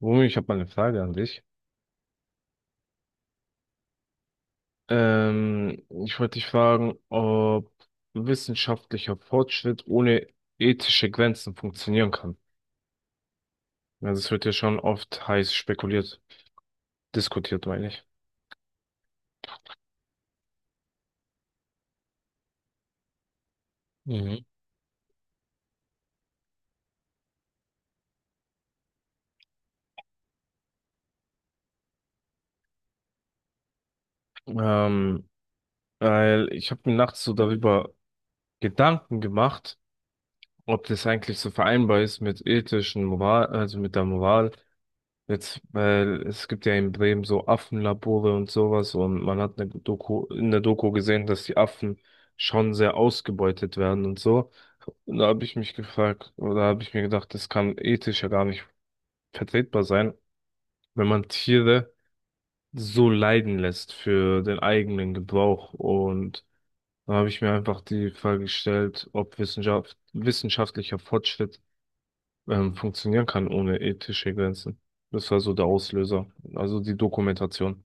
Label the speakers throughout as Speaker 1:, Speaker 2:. Speaker 1: Rumi, ich habe mal eine Frage an dich. Ich wollte dich fragen, ob wissenschaftlicher Fortschritt ohne ethische Grenzen funktionieren kann. Also es wird ja schon oft heiß spekuliert, diskutiert, meine ich. Mhm. Ähm, Weil ich habe mir nachts so darüber Gedanken gemacht, ob das eigentlich so vereinbar ist mit ethischen Moral, also mit der Moral jetzt, weil es gibt ja in Bremen so Affenlabore und sowas, und man hat eine Doku, in der Doku gesehen, dass die Affen schon sehr ausgebeutet werden und so. Und da habe ich mich gefragt, oder habe ich mir gedacht, das kann ethisch ja gar nicht vertretbar sein, wenn man Tiere so leiden lässt für den eigenen Gebrauch. Und da habe ich mir einfach die Frage gestellt, ob Wissenschaft, wissenschaftlicher Fortschritt funktionieren kann ohne ethische Grenzen. Das war so der Auslöser, also die Dokumentation.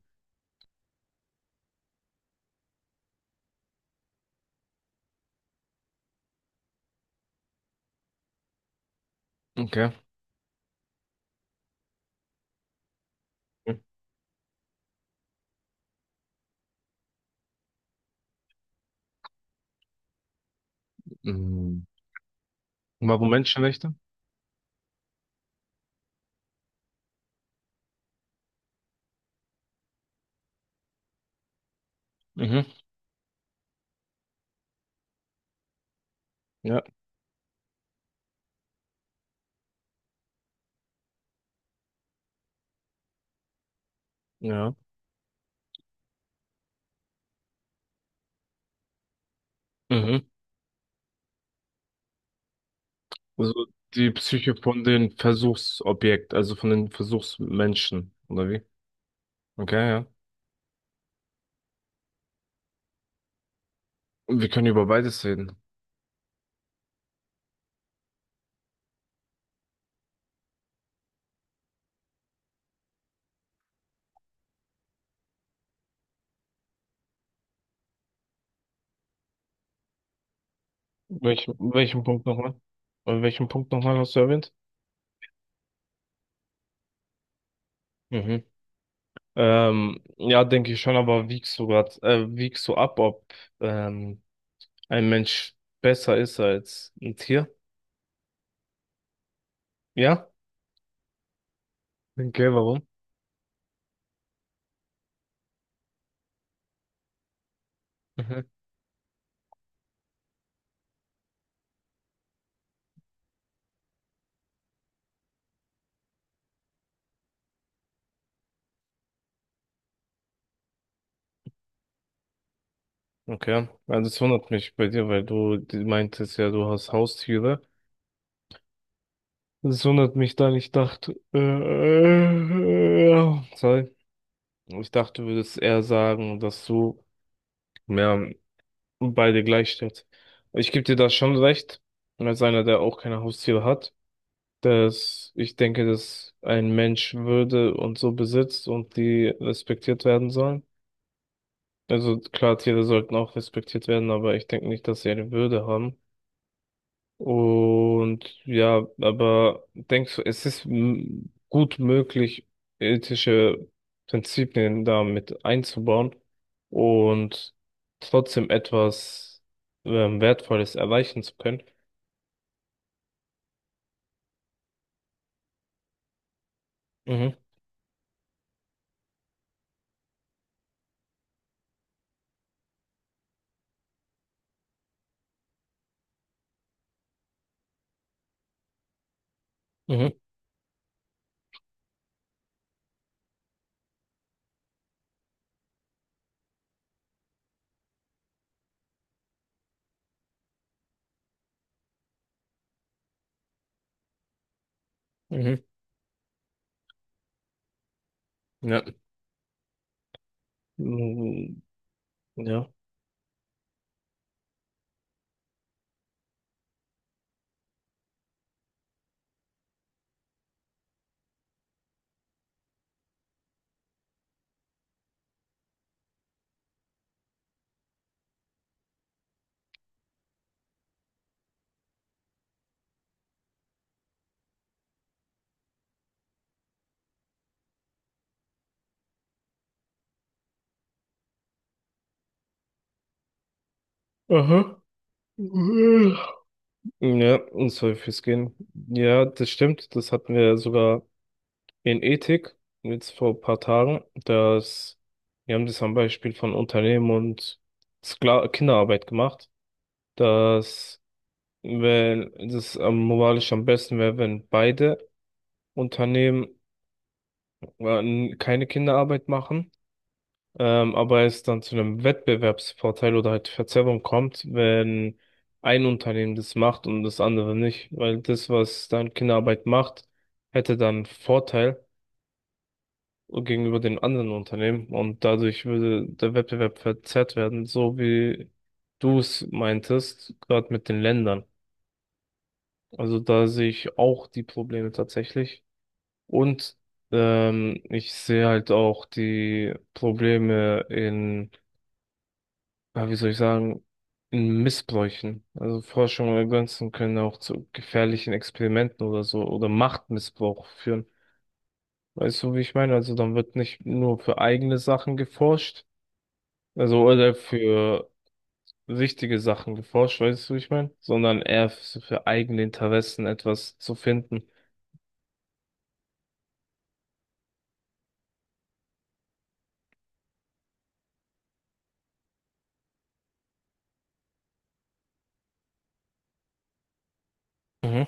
Speaker 1: Okay. Mhm. Warum Menschenrechte? Mhm. Ja, ja. Mhm. Also die Psyche von den Versuchsobjekt, also von den Versuchsmenschen, oder wie? Okay, ja. Wir können über beides reden. Welchen Punkt nochmal? Welchen Punkt nochmal hast du erwähnt? Mhm. Ja, denke ich schon, aber wiegst du grad, wiegst du ab, ob ähm, ein Mensch besser ist als ein Tier? Ja? Okay, warum? Mhm. Okay. Also es wundert mich bei dir, weil du meintest ja, du hast Haustiere. Es wundert mich dann, ich dachte, sorry. Ich dachte, du würdest eher sagen, dass du mehr beide gleich stellst. Ich gebe dir da schon recht, als einer, der auch keine Haustiere hat, dass ich denke, dass ein Mensch Würde und so besitzt und die respektiert werden sollen. Also klar, Tiere sollten auch respektiert werden, aber ich denke nicht, dass sie eine Würde haben. Und ja, aber denkst du, es ist gut möglich, ethische Prinzipien da mit einzubauen und trotzdem etwas Wertvolles erreichen zu können? Mhm, mhm, mhm, ja. Mhm, ja. Aha. Ja, und soll fürs Gehen. Ja, das stimmt. Das hatten wir sogar in Ethik, jetzt vor ein paar Tagen, dass, wir haben das am Beispiel von Unternehmen und Skla Kinderarbeit gemacht, dass, wenn das am moralisch am besten wäre, wenn beide Unternehmen äh, keine Kinderarbeit machen, aber es dann zu einem Wettbewerbsvorteil oder halt Verzerrung kommt, wenn ein Unternehmen das macht und das andere nicht, weil das, was dann Kinderarbeit macht, hätte dann Vorteil gegenüber den anderen Unternehmen, und dadurch würde der Wettbewerb verzerrt werden, so wie du es meintest, gerade mit den Ländern. Also da sehe ich auch die Probleme tatsächlich, und ich sehe halt auch die Probleme in, ja, wie soll ich sagen, in Missbräuchen. Also Forschung oder Grenzen können auch zu gefährlichen Experimenten oder so oder Machtmissbrauch führen. Weißt du, wie ich meine? Also dann wird nicht nur für eigene Sachen geforscht, also oder für wichtige Sachen geforscht, weißt du, wie ich meine? Sondern eher so für eigene Interessen etwas zu finden. Mhm.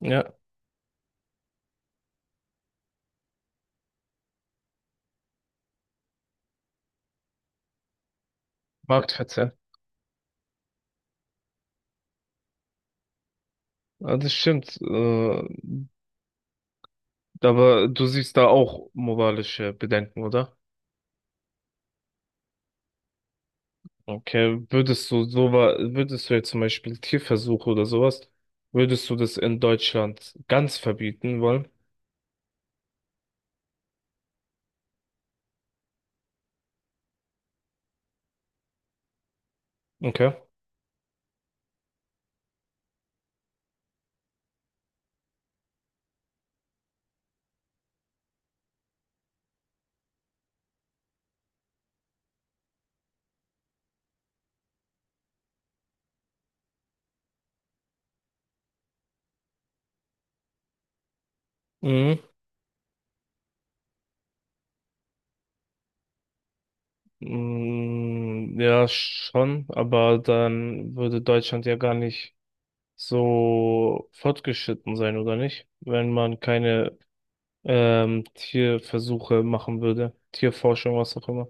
Speaker 1: Ja, Marktverzerr. Ja, das stimmt. Aber du siehst da auch moralische Bedenken, oder? Okay, würdest du würdest du jetzt zum Beispiel Tierversuche oder sowas, würdest du das in Deutschland ganz verbieten wollen? Okay. Mhm. Mm, ja, schon, aber dann würde Deutschland ja gar nicht so fortgeschritten sein, oder nicht? Wenn man keine Tierversuche machen würde, Tierforschung, was auch immer.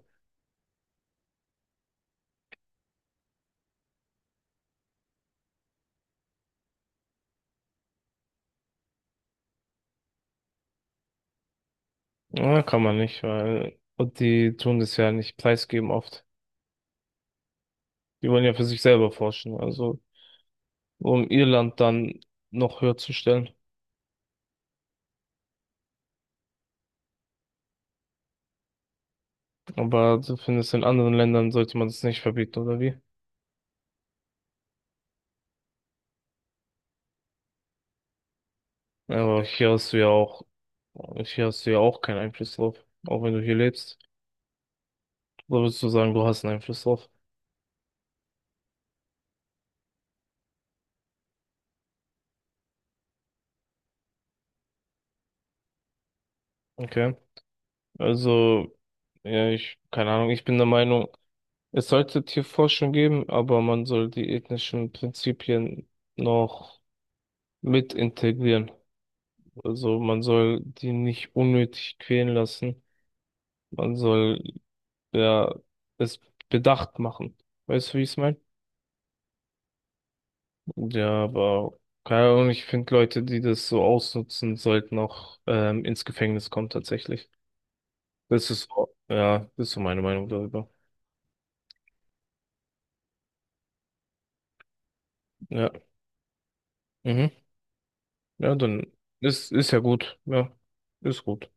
Speaker 1: Ja, kann man nicht, weil und die tun das ja nicht preisgeben oft. Die wollen ja für sich selber forschen, also um ihr Land dann noch höher zu stellen. Aber du findest, in anderen Ländern sollte man das nicht verbieten, oder wie? Aber hier hast du ja auch, hier hast du ja auch keinen Einfluss drauf, auch wenn du hier lebst. Da würdest du sagen, du hast einen Einfluss drauf. Okay. Also, ja, ich, keine Ahnung, ich bin der Meinung, es sollte Tierforschung geben, aber man soll die ethnischen Prinzipien noch mit integrieren. Also, man soll die nicht unnötig quälen lassen. Man soll, ja, es bedacht machen. Weißt du, wie ich es meine? Ja, aber, keine Ahnung, ich finde Leute, die das so ausnutzen, sollten auch, ins Gefängnis kommen, tatsächlich. Das ist, ja, das ist so meine Meinung darüber. Ja. Mhm. Ja, dann ist ja gut. Ja, ist gut.